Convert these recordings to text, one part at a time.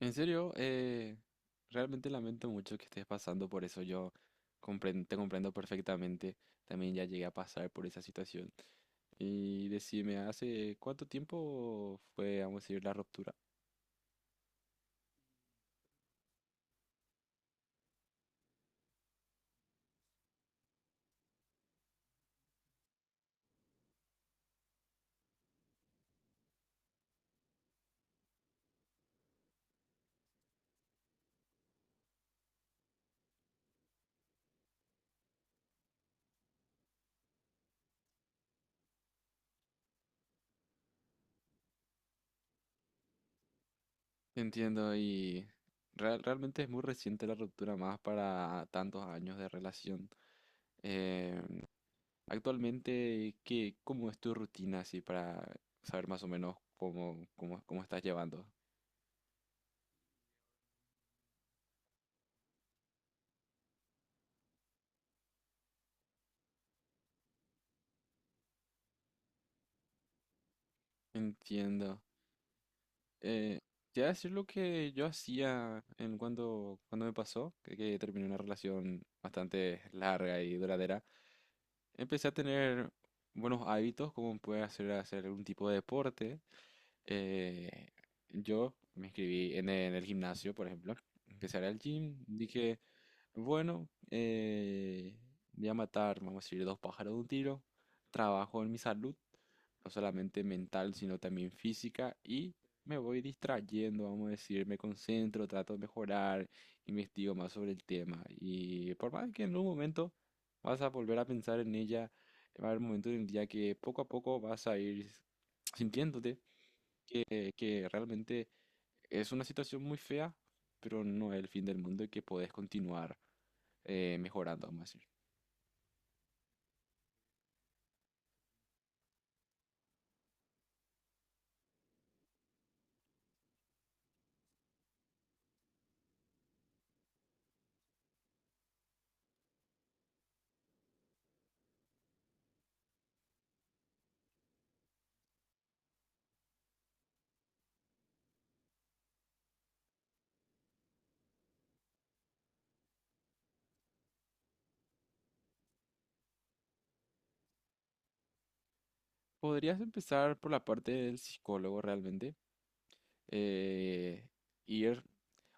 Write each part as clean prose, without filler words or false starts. En serio, realmente lamento mucho que estés pasando por eso. Yo te comprendo perfectamente. También ya llegué a pasar por esa situación. Y decime, ¿hace cuánto tiempo fue, vamos a decir, la ruptura? Entiendo, y realmente es muy reciente la ruptura, más para tantos años de relación. Eh, Actualmente, ¿qué, cómo es tu rutina así para saber más o menos cómo estás llevando? Entiendo. Eh, Te voy a decir lo que yo hacía en cuando me pasó, que terminé una relación bastante larga y duradera. Empecé a tener buenos hábitos, como puede hacer algún tipo de deporte. Eh, yo me inscribí en en el gimnasio, por ejemplo. Empecé a ir al gym. Dije, bueno, voy a matar, vamos a decir, dos pájaros de un tiro. Trabajo en mi salud, no solamente mental, sino también física. Y me voy distrayendo, vamos a decir, me concentro, trato de mejorar, investigo más sobre el tema. Y por más que en un momento vas a volver a pensar en ella. Va a haber momentos en el día que poco a poco vas a ir sintiéndote que realmente es una situación muy fea, pero no es el fin del mundo y que podés continuar mejorando, vamos a decir. Podrías empezar por la parte del psicólogo realmente. eh, Ir,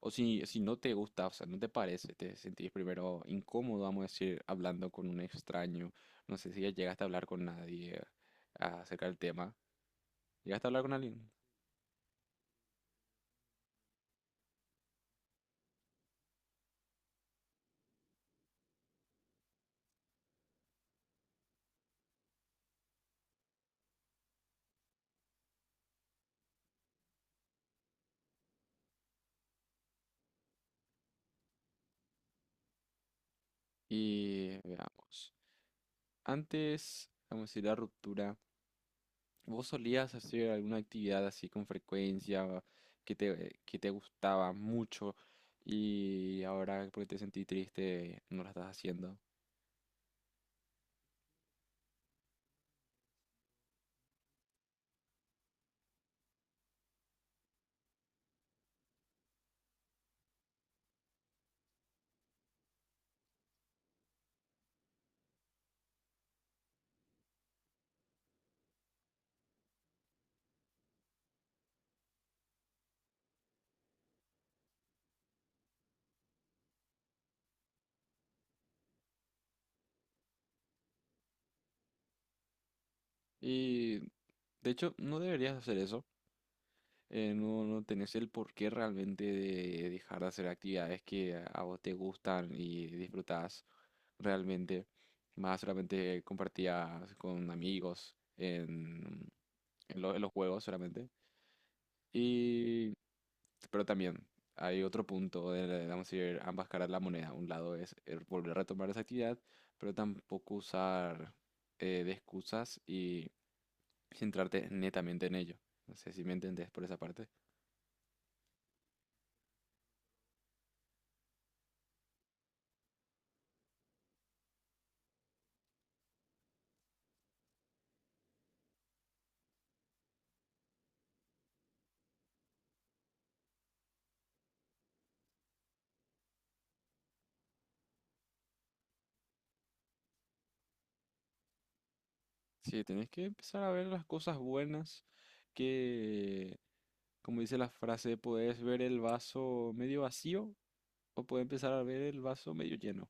o si no te gusta, o sea, no te parece, te sentís primero incómodo, vamos a decir, hablando con un extraño. No sé si ya llegaste a hablar con nadie acerca del tema. Llegaste a hablar con alguien. Y veamos. Antes, vamos a decir, la ruptura, ¿vos solías hacer alguna actividad así con frecuencia que que te gustaba mucho y ahora porque te sentí triste no la estás haciendo? Y de hecho, no deberías hacer eso. No, no tenés el porqué realmente de dejar de hacer actividades que a vos te gustan y disfrutás realmente. Más solamente compartías con amigos en en los juegos solamente. Y, pero también hay otro punto de, vamos a decir, ambas caras de la moneda. Un lado es volver a retomar esa actividad, pero tampoco usar de excusas y centrarte netamente en ello. No sé si me entendés por esa parte. Sí, tenés que empezar a ver las cosas buenas que, como dice la frase, podés ver el vaso medio vacío o podés empezar a ver el vaso medio lleno.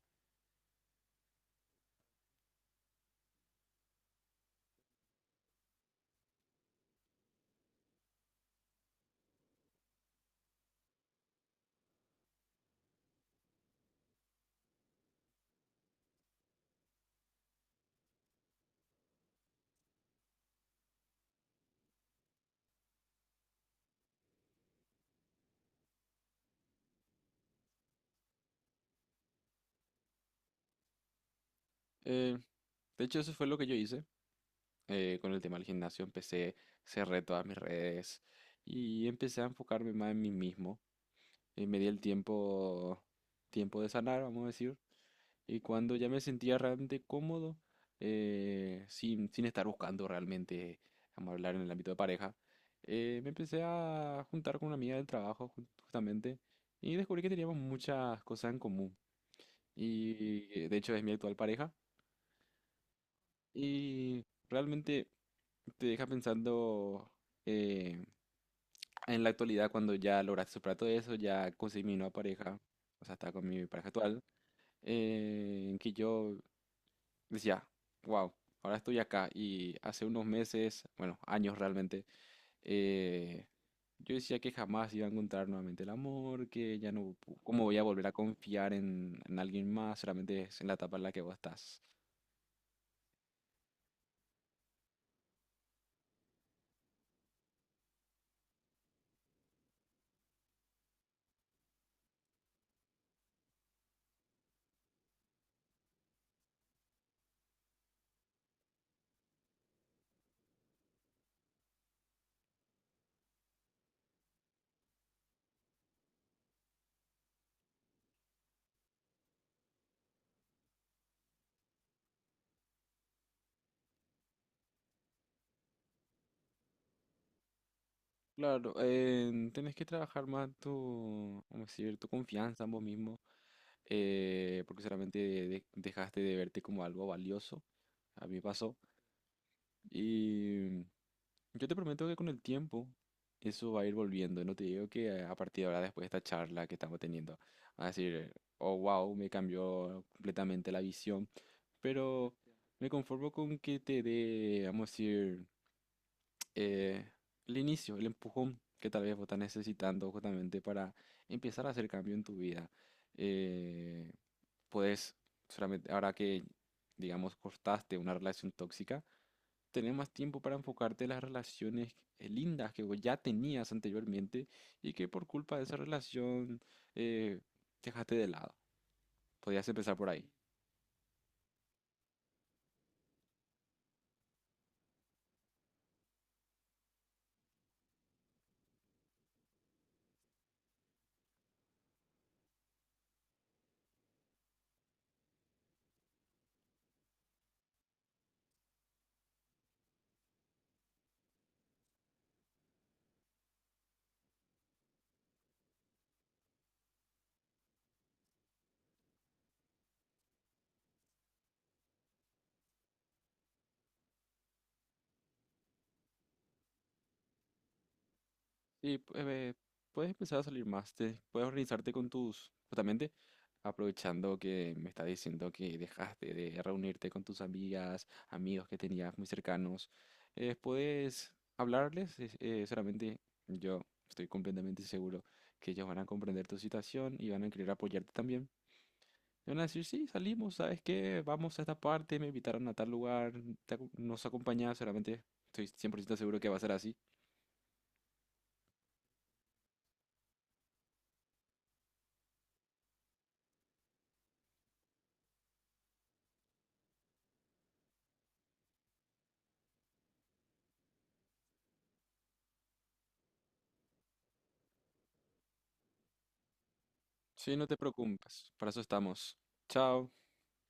Eh, de hecho, eso fue lo que yo hice con el tema del gimnasio. Empecé, cerré todas mis redes y empecé a enfocarme más en mí mismo. Y me di el tiempo, tiempo de sanar, vamos a decir. Y cuando ya me sentía realmente cómodo, sin estar buscando realmente, vamos a hablar en el ámbito de pareja, me empecé a juntar con una amiga del trabajo justamente y descubrí que teníamos muchas cosas en común. Y de hecho es mi actual pareja. Y realmente te deja pensando eh, en la actualidad cuando ya lograste superar todo eso, ya conseguí mi nueva pareja, o sea, estaba con mi pareja actual, que yo decía, wow, ahora estoy acá. Y hace unos meses, bueno, años realmente, eh, yo decía que jamás iba a encontrar nuevamente el amor, que ya no, cómo voy a volver a confiar en alguien más, solamente es en la etapa en la que vos estás. Claro, tenés que trabajar más tu, ¿cómo decir? Tu confianza en vos mismo, porque solamente dejaste de verte como algo valioso. A mí me pasó. Yo te prometo que con el tiempo eso va a ir volviendo. No te digo que a partir de ahora, después de esta charla que estamos teniendo, vas a decir, oh, wow, me cambió completamente la visión. Pero me conformo con que te dé, vamos a decir, eh, el inicio, el empujón que tal vez vos estás necesitando justamente para empezar a hacer cambio en tu vida. Eh, Puedes solamente, ahora que, digamos, cortaste una relación tóxica, tenés más tiempo para enfocarte en las relaciones lindas que vos ya tenías anteriormente y que por culpa de esa relación eh, dejaste de lado. Podías empezar por ahí. Sí, puedes empezar a salir más, puedes organizarte con tus, justamente aprovechando que me estás diciendo que dejaste de reunirte con tus amigas, amigos que tenías muy cercanos, puedes hablarles, solamente yo estoy completamente seguro que ellos van a comprender tu situación y van a querer apoyarte también. Te van a decir, sí, salimos, ¿sabes qué? Vamos a esta parte, me invitaron a tal lugar, nos acompañas, solamente estoy 100% seguro que va a ser así. Sí, no te preocupes, para eso estamos. Chao.